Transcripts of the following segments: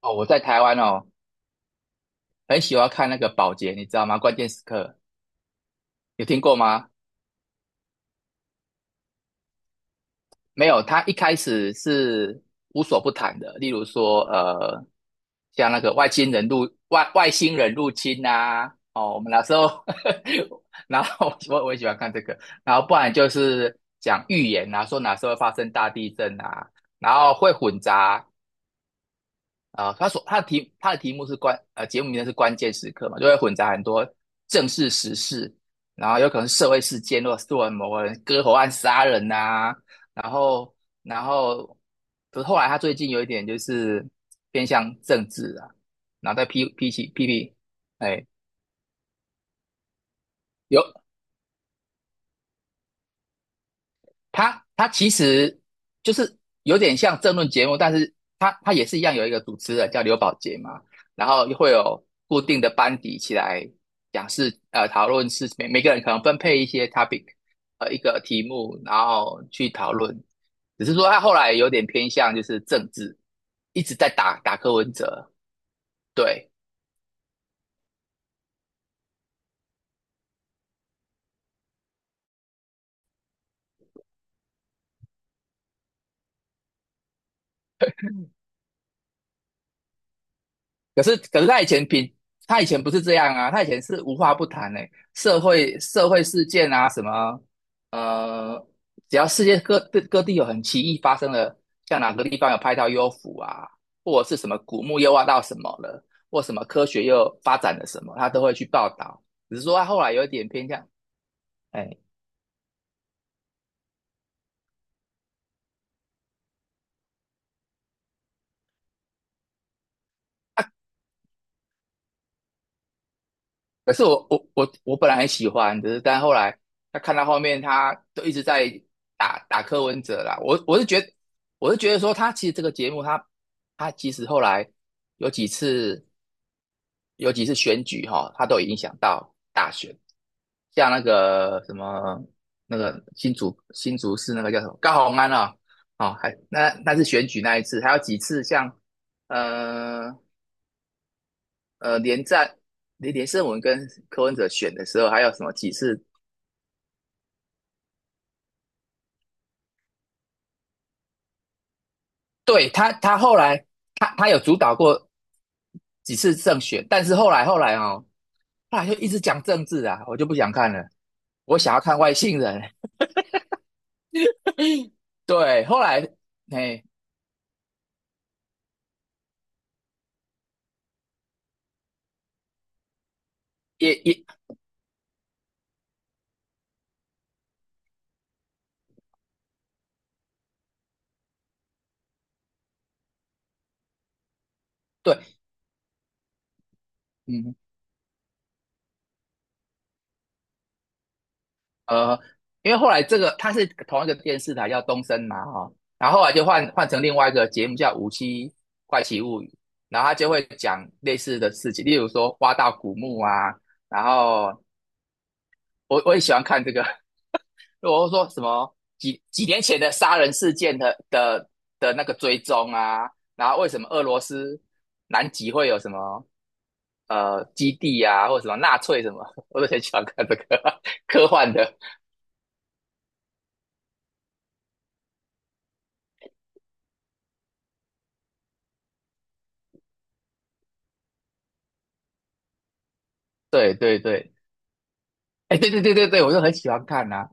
哦，我在台湾哦，很喜欢看那个宝洁，你知道吗？关键时刻有听过吗？没有，他一开始是无所不谈的，例如说，像那个外星人入外外星人入侵啊，哦，我们那时候，然后我也喜欢看这个，然后不然就是讲预言啊，说哪时候会发生大地震啊，然后会混杂啊，他所他的题他的题目是关呃节目名称是关键时刻嘛，就会混杂很多正式时事，然后有可能是社会事件，或者做某个人割喉案杀人呐、然后然后可是后来他最近有一点就是偏向政治啊，然后在批评，哎，有他其实就是有点像政论节目，但是他也是一样有一个主持人叫刘宝杰嘛，然后会有固定的班底起来讨论是每个人可能分配一些 topic，一个题目，然后去讨论。只是说他后来有点偏向就是政治，一直在打柯文哲，对，可是他以前不是这样啊，他以前是无话不谈诶、社会事件啊什么，呃，只要世界各地有很奇异发生了，像哪个地方有拍到幽浮啊，或者是什么古墓又挖到什么了，或什么科学又发展了什么，他都会去报道。只是说他后来有一点偏向，哎、可是我本来很喜欢，只是但后来他看到后面，他都一直在打柯文哲啦。我是觉得，我是觉得说他其实这个节目他，他其实后来有几次有几次选举哈、他都有影响到大选，像那个什么那个新竹市那个叫什么高虹安啊、哦，还那是选举那一次，还有几次像呃连战连连胜文跟柯文哲选的时候，还有什么几次？对他后来他有主导过几次胜选，但是后来哦，后来就一直讲政治啊，我就不想看了，我想要看外星人。对，后来，哎，也对，嗯，呃，因为后来这个它是同一个电视台叫东森嘛，哈、哦然后后来就换成另外一个节目叫《无期怪奇物语》，然后他就会讲类似的事情，例如说挖到古墓啊，然后我也喜欢看这个，我会说什么几年前的杀人事件的那个追踪啊，然后为什么俄罗斯南极会有什么基地啊，或者什么纳粹什么，我都很喜欢看这个呵呵 科幻的，对对对。哎，对对对对对，我就很喜欢看呐、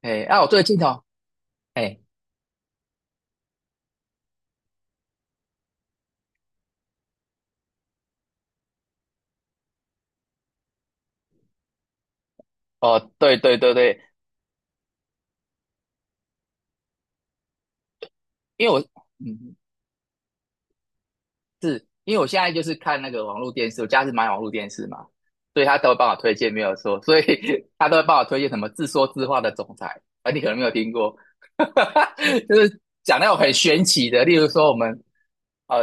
哎，啊，我最近哦，哎，哦，对对对对，因为我，嗯，因为我现在就是看那个网络电视，我家是买网络电视嘛，所以他都会帮我推荐，没有错，所以 他都会帮我推荐什么自说自话的总裁，啊，你可能没有听过，就是讲那种很玄奇的，例如说我们呃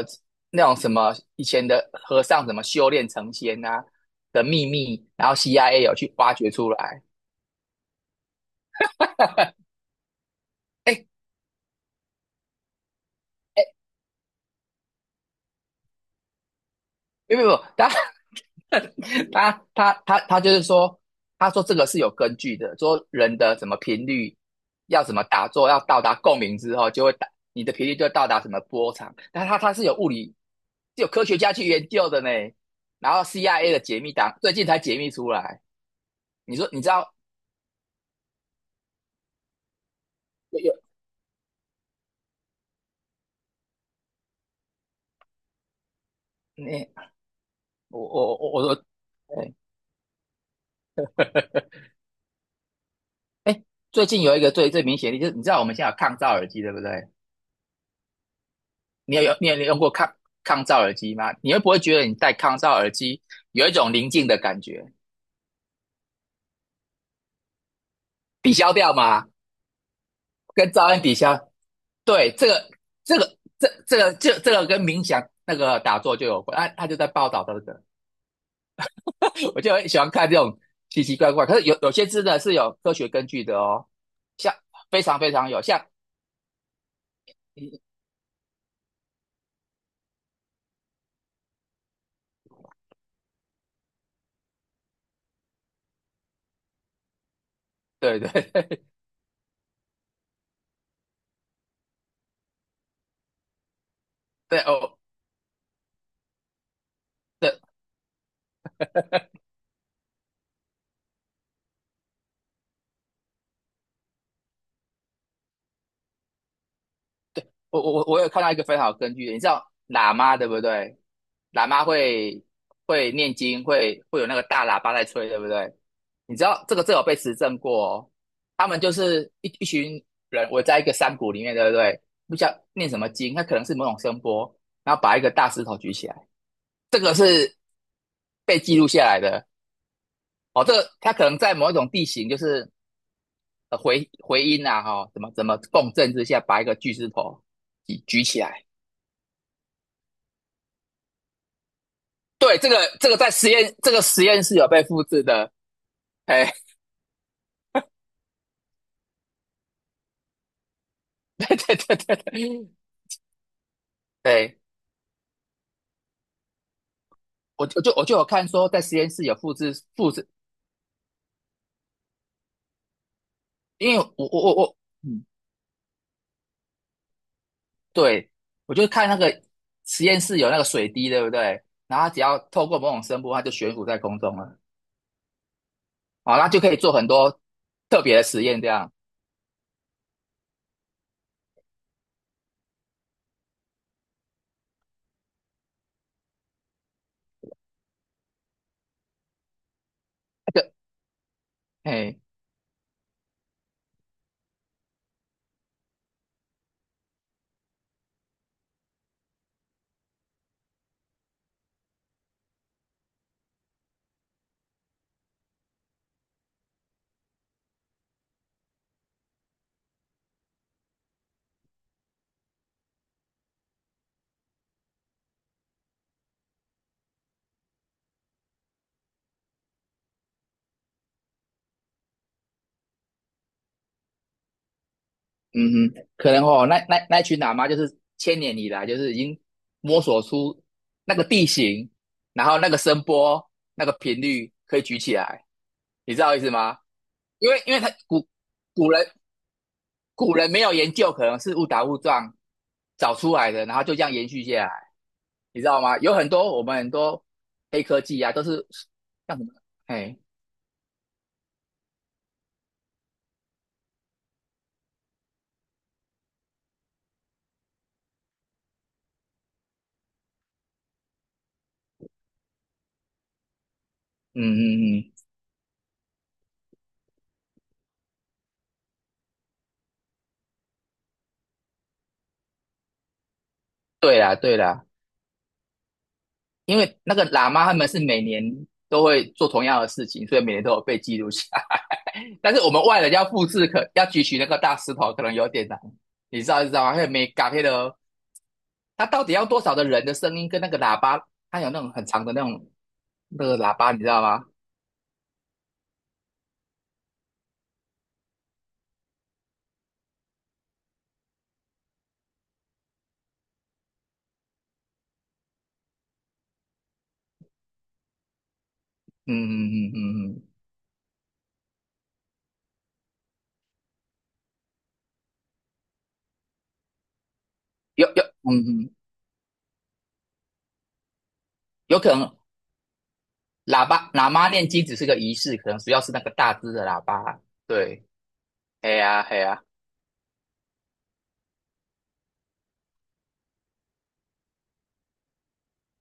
那种什么以前的和尚怎么修炼成仙啊的秘密，然后 CIA 有去挖掘出来。哎哎，没有没有，他就是说，他说这个是有根据的，说人的什么频率要怎么打坐，要到达共鸣之后，就会打你的频率就会到达什么波长。但他是有物理，是有科学家去研究的呢。然后 CIA 的解密档最近才解密出来。你说你知道有有你我我我我说，哎 哎，最近有一个最明显的就是你知道我们现在有抗噪耳机对不对？你有用过抗噪耳机吗？你会不会觉得你戴抗噪耳机有一种宁静的感觉？抵消掉嘛，跟噪音抵消。对，这个跟冥想那个打坐就有关。他就在报道的这个，我就很喜欢看这种奇奇怪怪。可是有些真的是有科学根据的哦，像非常非常有，像对对对哦对我有看到一个非常好的根据的，你知道喇嘛对不对？喇嘛会念经，会有那个大喇叭在吹，对不对？你知道这有被实证过哦，他们就是一群人围在一个山谷里面，对不对？不知道念什么经，它可能是某种声波，然后把一个大石头举起来，这个是被记录下来的哦。这个它可能在某一种地形，就是回音啊，哈、哦怎么共振之下，把一个巨石头举起来。对，这个这个在实验这个实验室有被复制的，哎，对对对对对，对我就有看说在实验室有复制，因为我，嗯，对，我就看那个实验室有那个水滴，对不对？然后它只要透过某种声波，它就悬浮在空中了，好，那就可以做很多特别的实验，这样，就，哎。嗯哼，可能哦，那群喇嘛就是千年以来就是已经摸索出那个地形，然后那个声波、那个频率可以举起来，你知道意思吗？因为他古古人古人没有研究，可能是误打误撞找出来的，然后就这样延续下来，你知道吗？有很多我们很多黑科技啊，都是像什么，哎，嗯嗯嗯，对啦对啦。因为那个喇嘛他们是每年都会做同样的事情，所以每年都有被记录下来。但是我们外人要复制，要举起那个大石头，可能有点难。你知道，你知道吗？还有没嘎黑的，他到底要多少的人的声音跟那个喇叭，他有那种很长的那种那个喇叭，你知道吗？嗯嗯嗯嗯嗯，有有嗯嗯，有可能喇嘛念经只是个仪式，可能主要是那个大只的喇叭。对，哎呀哎呀，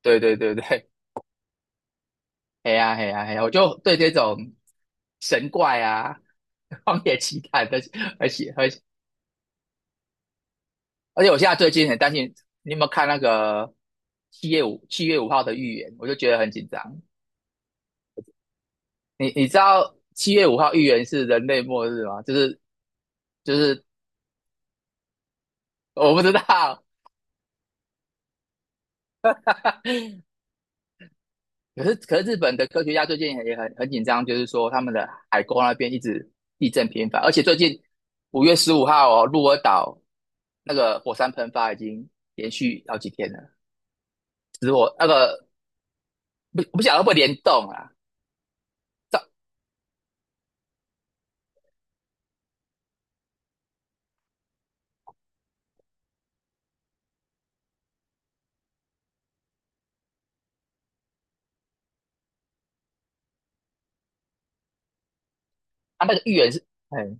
对对对对，嘿呀嘿呀嘿呀，我就对这种神怪啊、荒野奇谭的，而且而且而且，我现在最近很担心，你有没有看那个七月五号的预言？我就觉得很紧张。你知道七月五号预言是人类末日吗？就是就是我不知道，可是日本的科学家最近也很紧张，就是说他们的海沟那边一直地震频繁，而且最近5月15号哦，鹿儿岛那个火山喷发已经连续好几天了。死我那个不晓得会不会联动啊？这啊那个预言是，哎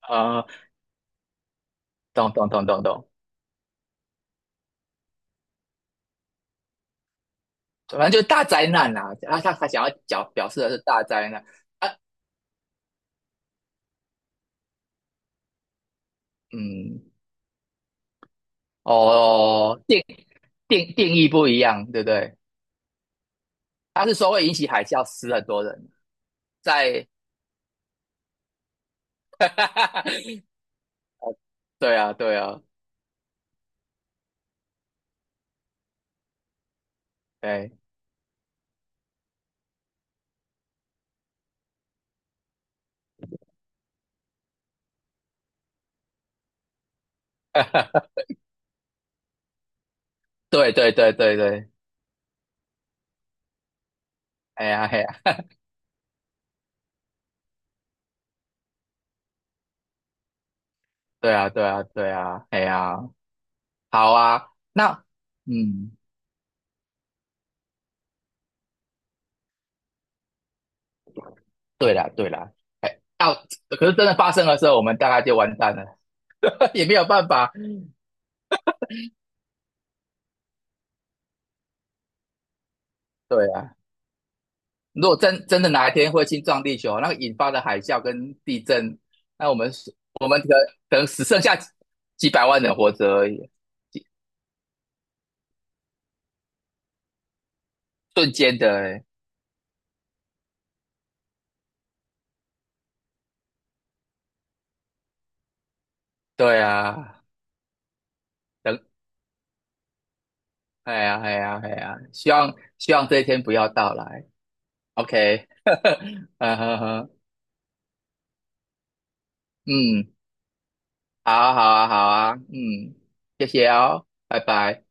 啊、懂懂懂懂懂，反正就是大灾难啦、啊。啊，他想要表示的是大灾难啊，嗯，哦，定义不一样，对不对？他是说会引起海啸，死很多人，在，哈哈哈哈对啊对啊，对，对对对对对，哎呀哎呀，对啊对啊对啊，哎呀，好啊，那嗯。对啦，对啦，哎，要、可是真的发生的时候，我们大概就完蛋了，也没有办法。对啊，如果真的哪一天彗星撞地球，那个引发的海啸跟地震，那我们可能只剩下几百万人活着而已，几瞬间的、欸。对啊，等，哎呀，哎呀，哎呀，希望这一天不要到来。OK，嗯哼哼，嗯，好啊，好啊，好啊，嗯，谢谢哦，拜拜。